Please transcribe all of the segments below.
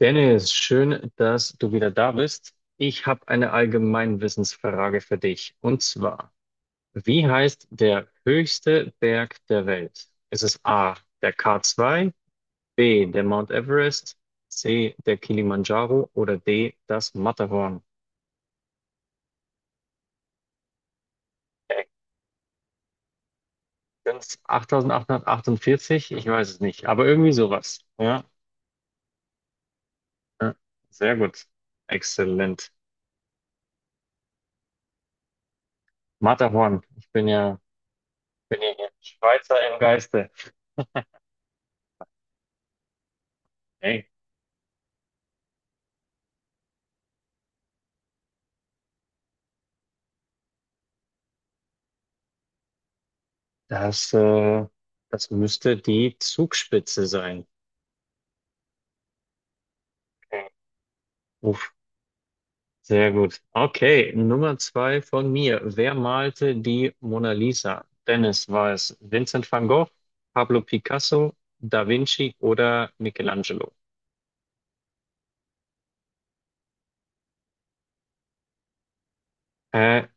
Dennis, schön, dass du wieder da bist. Ich habe eine Allgemeinwissensfrage für dich. Und zwar, wie heißt der höchste Berg der Welt? Ist es A, der k zwei, B, der Mount Everest, C, der Kilimanjaro oder D, das Matterhorn? Äh, Sind's 8848? Ich weiß es nicht, aber irgendwie sowas. Ja, ja, sehr gut. Exzellent. Matterhorn. Bin ja hier Schweizer im Geiste. Hey. Das, äh, Das müsste die Zugspitze sein. Uff, sehr gut. Okay, Nummer zwei von mir. Wer malte die Mona Lisa? Dennis, war es Vincent van Gogh, Pablo Picasso, Da Vinci oder Michelangelo? Äh,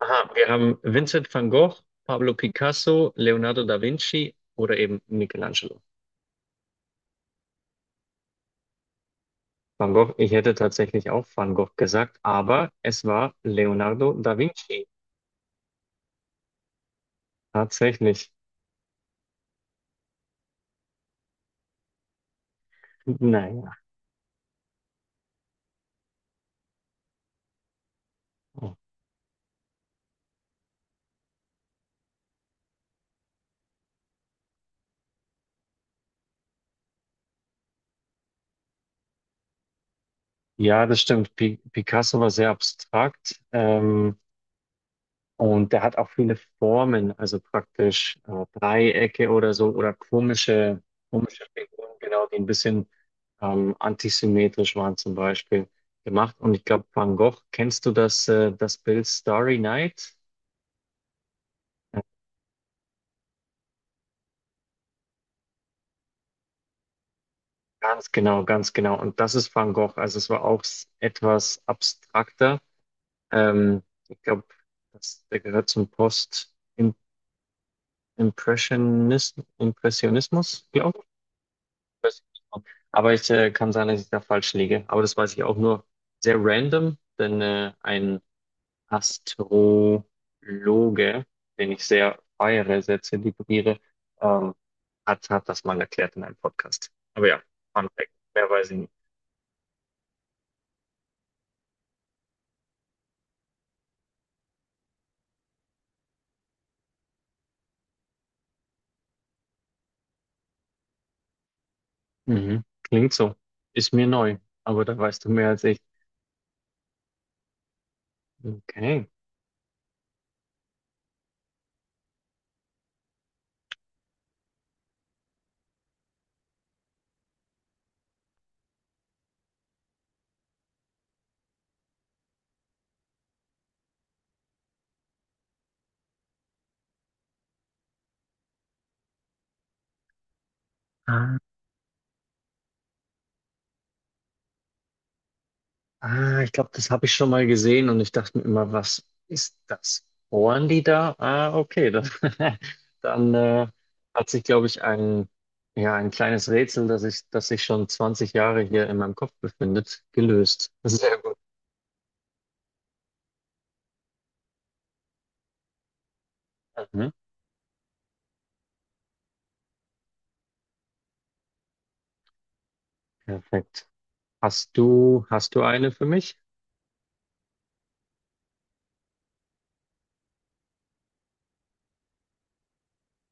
aha, wir haben Vincent van Gogh, Pablo Picasso, Leonardo da Vinci oder eben Michelangelo. Van Gogh, ich hätte tatsächlich auch Van Gogh gesagt, aber es war Leonardo da Vinci. Tatsächlich. Naja. Ja, das stimmt. Pi Picasso war sehr abstrakt, und der hat auch viele Formen, also praktisch Dreiecke oder so oder komische Figuren, genau, die ein bisschen antisymmetrisch waren zum Beispiel gemacht. Und ich glaube, Van Gogh, kennst du das, das Bild Starry Night? Ja, ganz genau, ganz genau. Und das ist Van Gogh. Also es war auch etwas abstrakter. Ähm, Ich glaube, der gehört zum Post Impressionis Impressionismus, glaube ich. Impressionismus. Aber ich kann sein, dass ich da falsch liege. Aber das weiß ich auch nur sehr random, denn ein Astrologe, den ich sehr feiere, sehr zelebriere, ähm, hat das mal erklärt in einem Podcast. Aber ja, Fun Fact, mehr weiß ich nicht. Mhm. Klingt so. Ist mir neu, aber da weißt du mehr als ich. Okay. Ah. Ah, ich glaube, das habe ich schon mal gesehen und ich dachte mir immer, was ist das? Bohren die da? Ah, okay. Dann, dann hat sich, glaube ich, ja, ein kleines Rätsel, das sich schon 20 Jahre hier in meinem Kopf befindet, gelöst. Sehr gut. Mhm, perfekt. Hast du eine für mich?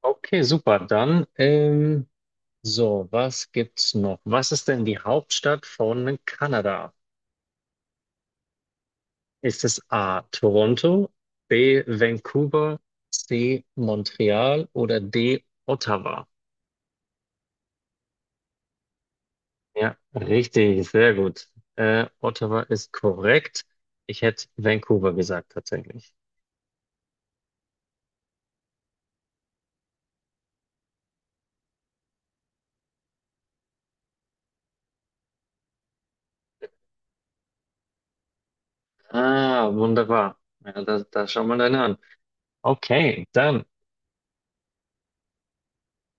Okay, super. Dann, so, was gibt's noch? Was ist denn die Hauptstadt von Kanada? Ist es A. Toronto, B. Vancouver, C. Montreal oder D. Ottawa? Ja, richtig, sehr gut. Ottawa ist korrekt. Ich hätte Vancouver gesagt tatsächlich. Ah, wunderbar. Ja, da schauen wir dann an. Okay, dann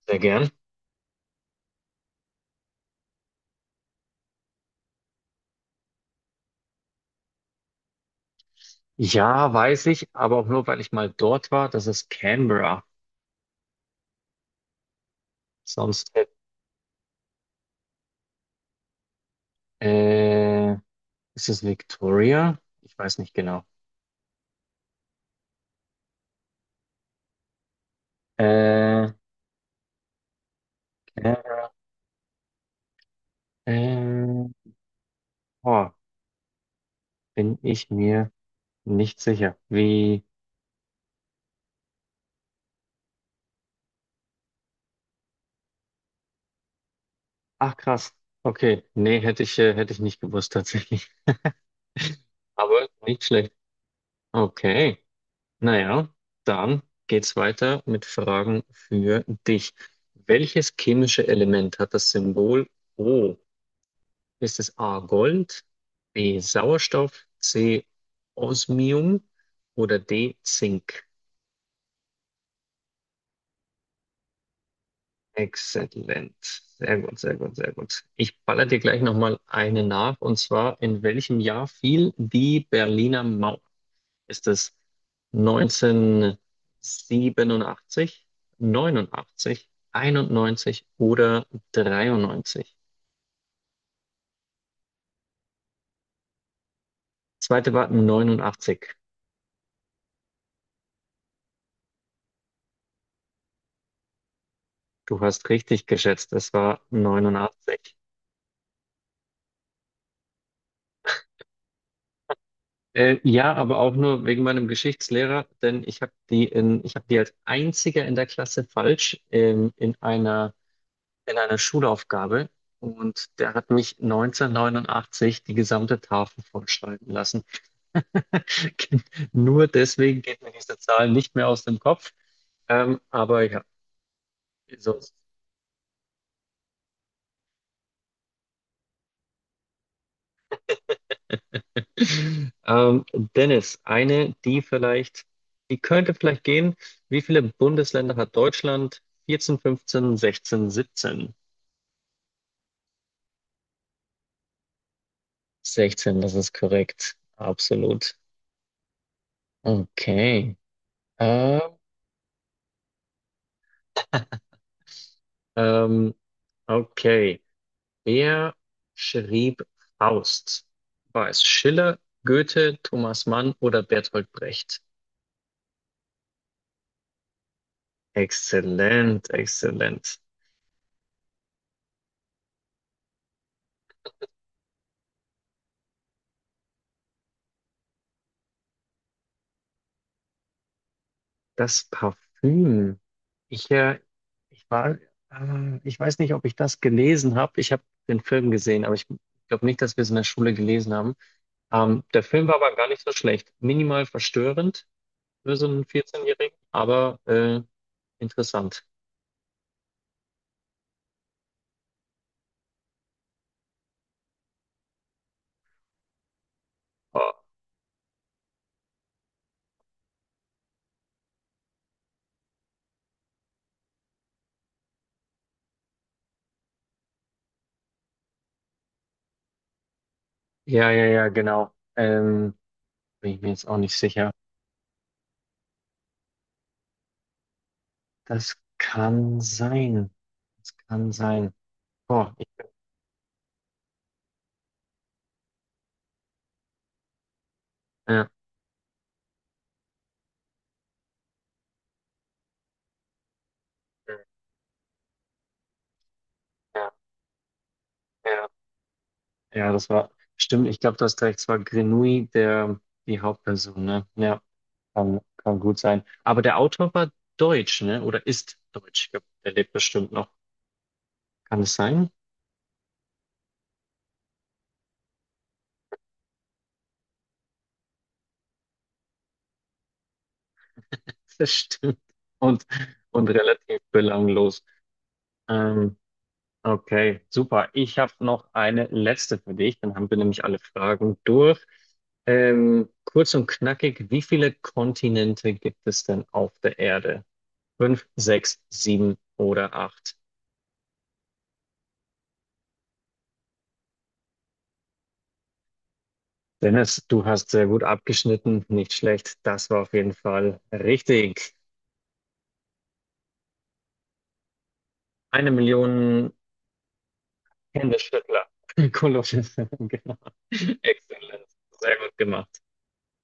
sehr gern. Ja, weiß ich, aber auch nur, weil ich mal dort war. Das ist Canberra. Sonst hätte, äh, Ist es Victoria? Ich weiß nicht genau. Äh, Ähm, oh, bin ich mir nicht sicher. Wie? Ach krass. Okay, nee, hätte ich nicht gewusst tatsächlich. Aber nicht schlecht. Okay, naja, dann geht's weiter mit Fragen für dich. Welches chemische Element hat das Symbol O? Ist es A Gold, B Sauerstoff, C Osmium oder D Zink? Exzellent. Sehr gut, sehr gut, sehr gut. Ich baller dir gleich nochmal eine nach. Und zwar, in welchem Jahr fiel die Berliner Mauer? Ist es 1987, 89, 91 oder 93? Zweite war 89. Du hast richtig geschätzt, es war neunundachtzig. Ja, aber auch nur wegen meinem Geschichtslehrer, denn ich habe die als einziger in der Klasse falsch in einer Schulaufgabe und der hat mich 1989 die gesamte Tafel vollschreiben lassen. Nur deswegen geht mir diese Zahl nicht mehr aus dem Kopf. Aber ja, sonst. Ähm, Dennis, die könnte vielleicht gehen. Wie viele Bundesländer hat Deutschland? 14, 15, 16, 17. 16, das ist korrekt. Absolut. Okay. Ähm, ähm, okay. Wer schrieb Faust? War es Schiller, Goethe, Thomas Mann oder Bertolt Brecht? Exzellent, exzellent. Das Parfüm. Ich, äh, ich war, Ich weiß nicht, ob ich das gelesen habe. Ich habe den Film gesehen, aber ich glaube nicht, dass wir es in der Schule gelesen haben. Der Film war aber gar nicht so schlecht. Minimal verstörend für so einen 14-Jährigen, aber interessant. Oh, ja, ja, ja, genau. Bin ich mir jetzt auch nicht sicher. Das kann sein. Das kann sein. Boah, ich, ja, ja, ja, ja, stimmt, ich glaube, du hast recht, es war Grenouille, der, die Hauptperson, ne? Ja, kann gut sein. Aber der Autor war deutsch, ne? Oder ist deutsch. Der lebt bestimmt noch. Kann es sein? Das stimmt. Und, und relativ belanglos. Ähm, Okay, super. Ich habe noch eine letzte für dich, dann haben wir nämlich alle Fragen durch. Kurz und knackig, wie viele Kontinente gibt es denn auf der Erde? Fünf, sechs, sieben oder acht? Dennis, du hast sehr gut abgeschnitten, nicht schlecht. Das war auf jeden Fall richtig. Eine Million Händeschüttler. Kolosche, genau. Exzellent. Sehr gut gemacht.